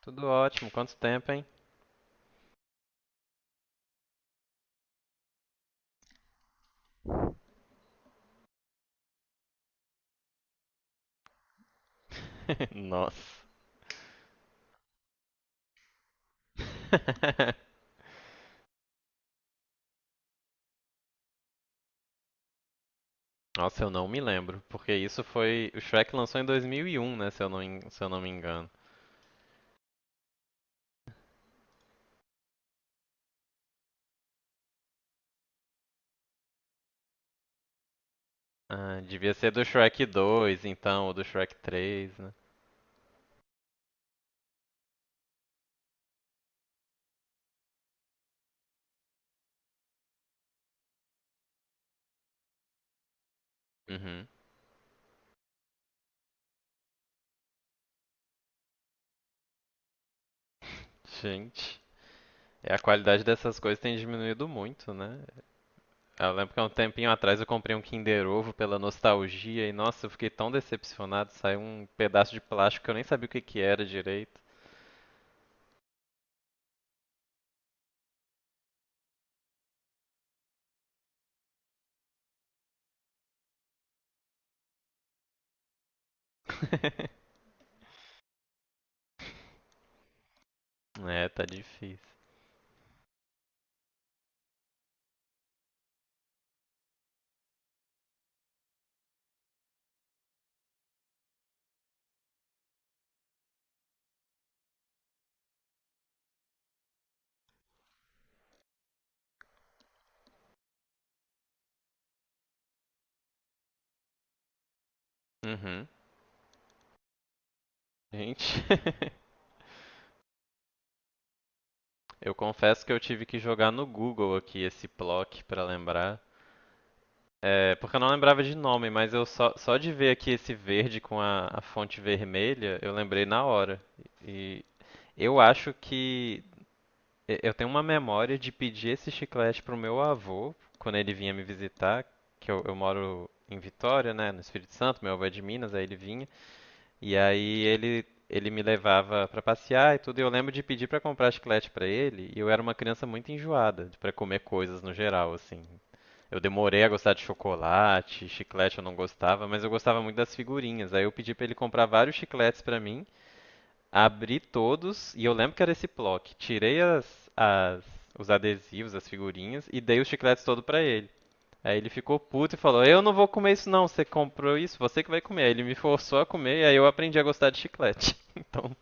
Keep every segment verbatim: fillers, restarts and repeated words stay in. Tudo ótimo. Quanto tempo, hein? Nossa. Nossa, eu não me lembro, porque isso foi. O Shrek lançou em dois mil e um, né? Se eu não, se eu não me engano. Ah, devia ser do Shrek dois, então, ou do Shrek três, né? Uhum. Gente. É a qualidade dessas coisas tem diminuído muito, né? Eu lembro que há um tempinho atrás eu comprei um Kinder Ovo pela nostalgia e, nossa, eu fiquei tão decepcionado. Saiu um pedaço de plástico que eu nem sabia o que que era direito. É, tá difícil. Uhum. Gente, eu confesso que eu tive que jogar no Google aqui esse Plock pra lembrar. É, porque eu não lembrava de nome, mas eu só, só de ver aqui esse verde com a, a fonte vermelha, eu lembrei na hora. E eu acho que e- eu tenho uma memória de pedir esse chiclete pro meu avô quando ele vinha me visitar, que eu, eu moro em Vitória, né, no Espírito Santo, meu avô é de Minas, aí ele vinha. E aí ele ele me levava pra passear e tudo, e eu lembro de pedir pra comprar chiclete pra ele, e eu era uma criança muito enjoada pra comer coisas no geral, assim. Eu demorei a gostar de chocolate, chiclete eu não gostava, mas eu gostava muito das figurinhas. Aí eu pedi pra ele comprar vários chicletes pra mim, abri todos, e eu lembro que era esse bloco. Tirei as, as- os adesivos, as figurinhas, e dei os chicletes todo pra ele. Aí ele ficou puto e falou: "Eu não vou comer isso, não. Você comprou isso, você que vai comer." Aí ele me forçou a comer e aí eu aprendi a gostar de chiclete. Então,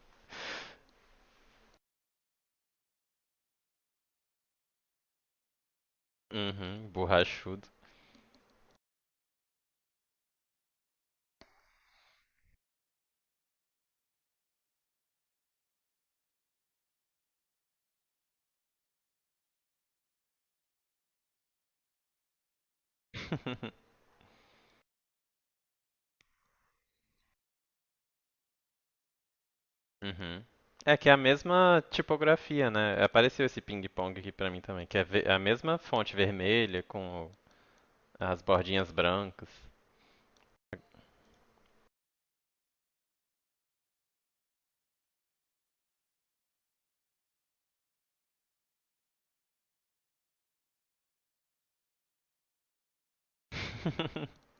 uhum, borrachudo. Uhum. É que é a mesma tipografia, né? Apareceu esse ping-pong aqui pra mim também, que é ve- é a mesma fonte vermelha com as bordinhas brancas.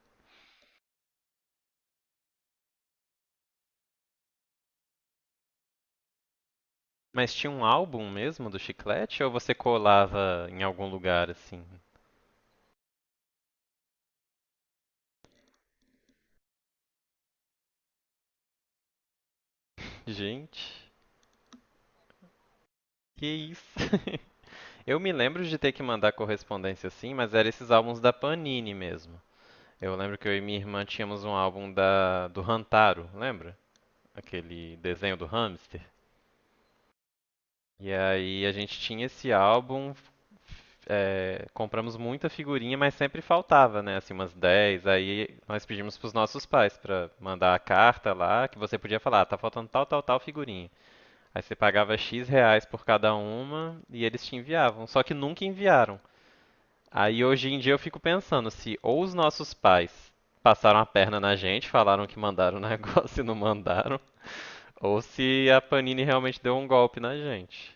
Mas tinha um álbum mesmo do chiclete ou você colava em algum lugar assim? Gente, que isso? Eu me lembro de ter que mandar correspondência assim, mas eram esses álbuns da Panini mesmo. Eu lembro que eu e minha irmã tínhamos um álbum da do Rantaro, lembra? Aquele desenho do hamster. E aí a gente tinha esse álbum, é, compramos muita figurinha, mas sempre faltava, né? Assim, umas dez. Aí nós pedimos pros nossos pais pra mandar a carta lá, que você podia falar: "Ah, tá faltando tal, tal, tal figurinha. Aí você pagava X reais por cada uma e eles te enviavam." Só que nunca enviaram. Aí hoje em dia eu fico pensando se ou os nossos pais passaram a perna na gente, falaram que mandaram o negócio e não mandaram, ou se a Panini realmente deu um golpe na gente.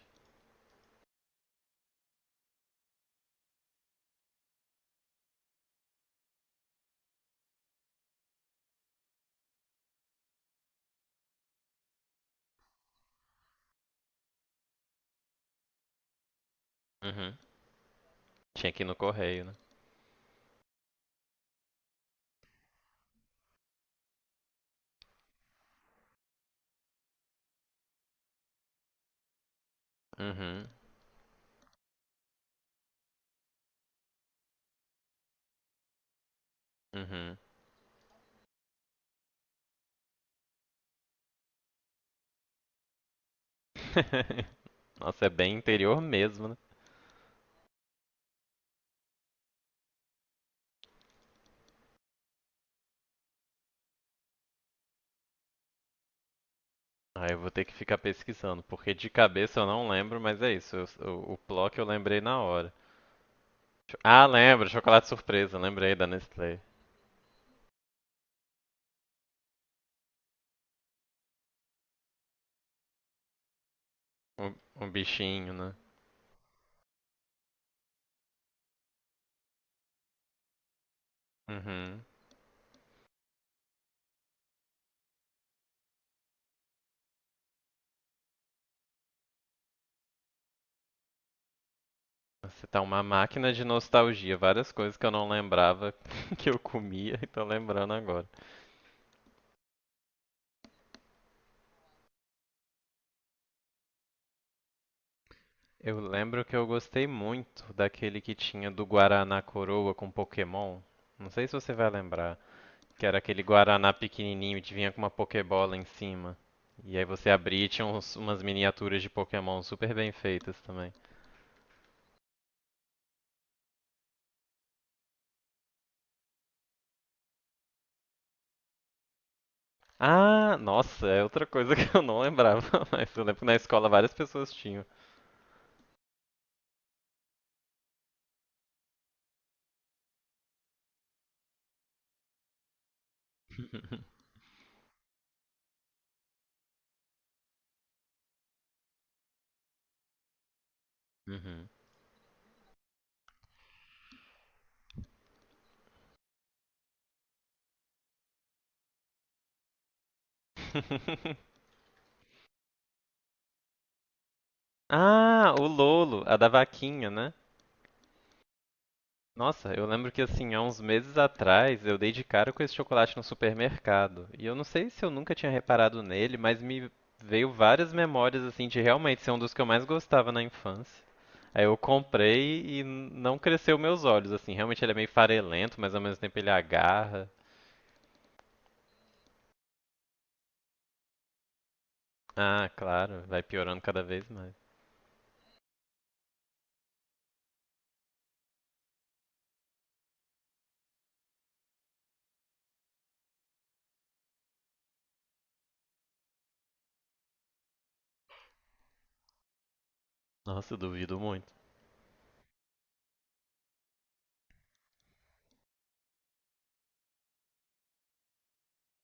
Uhum. Tinha que ir no correio, né? Uhum. Uhum. Nossa, é bem interior mesmo, né? Ah, eu vou ter que ficar pesquisando, porque de cabeça eu não lembro, mas é isso. eu- o, o Plock eu lembrei na hora. Cho- Ah, lembro, chocolate surpresa, lembrei da Nestlé. Um, um bichinho, né? Uhum. Você tá uma máquina de nostalgia. Várias coisas que eu não lembrava que eu comia e tô lembrando agora. Eu lembro que eu gostei muito daquele que tinha do Guaraná Coroa com Pokémon. Não sei se você vai lembrar. Que era aquele Guaraná pequenininho e te vinha com uma Pokébola em cima. E aí você abria e tinha uns- umas miniaturas de Pokémon super bem feitas também. Ah, nossa, é outra coisa que eu não lembrava, mas eu lembro que na escola várias pessoas tinham. Uhum. Ah, o Lolo, a da vaquinha, né? Nossa, eu lembro que assim, há uns meses atrás, eu dei de cara com esse chocolate no supermercado. E eu não sei se eu nunca tinha reparado nele, mas me veio várias memórias assim de realmente ser um dos que eu mais gostava na infância. Aí eu comprei e n- não cresceu meus olhos, assim, realmente ele é meio farelento, mas ao mesmo tempo ele agarra. Ah, claro, vai piorando cada vez mais. Nossa, eu duvido muito.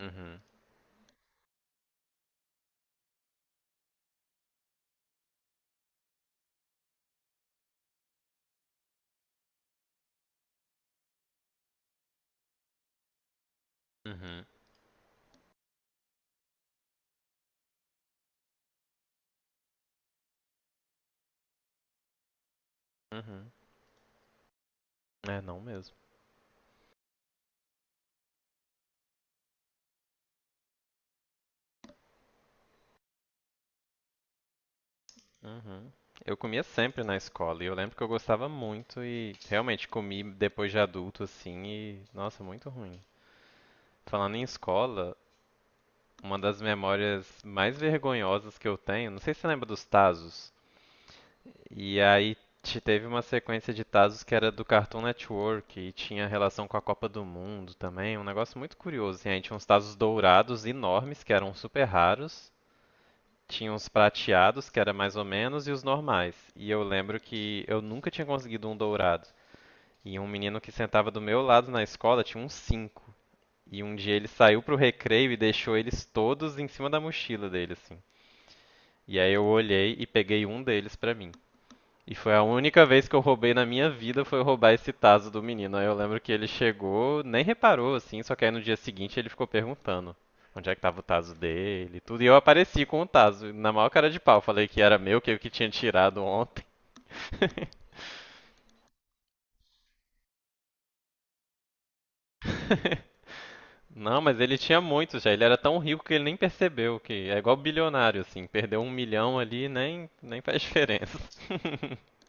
Uhum, uhum, uhum. É, não mesmo. Uhum. Eu comia sempre na escola e eu lembro que eu gostava muito e realmente comi depois de adulto assim e nossa, muito ruim. Falando em escola, uma das memórias mais vergonhosas que eu tenho, não sei se você lembra dos Tazos. E aí te- teve uma sequência de Tazos que era do Cartoon Network e tinha relação com a Copa do Mundo também, um negócio muito curioso. Assim, aí tinha uns Tazos dourados enormes que eram super raros. Tinha uns prateados, que era mais ou menos, e os normais. E eu lembro que eu nunca tinha conseguido um dourado. E um menino que sentava do meu lado na escola tinha uns cinco. E um dia ele saiu pro recreio e deixou eles todos em cima da mochila dele, assim. E aí eu olhei e peguei um deles pra mim. E foi a única vez que eu roubei na minha vida foi roubar esse taso do menino. Aí eu lembro que ele chegou, nem reparou assim, só que aí no dia seguinte ele ficou perguntando onde é que tava o taso dele, e tudo. E eu apareci com o taso, na maior cara de pau, falei que era meu, que eu que tinha tirado ontem. Não, mas ele tinha muito já. Ele era tão rico que ele nem percebeu, que é igual bilionário, assim, perdeu um milhão ali nem nem faz diferença.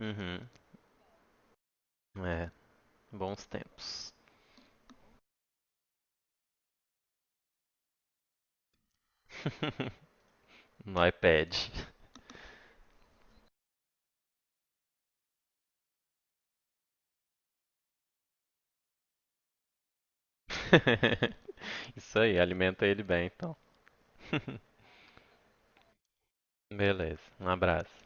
Uhum. É, bons tempos. Pede. Isso aí, alimenta ele bem, então. Beleza, um abraço.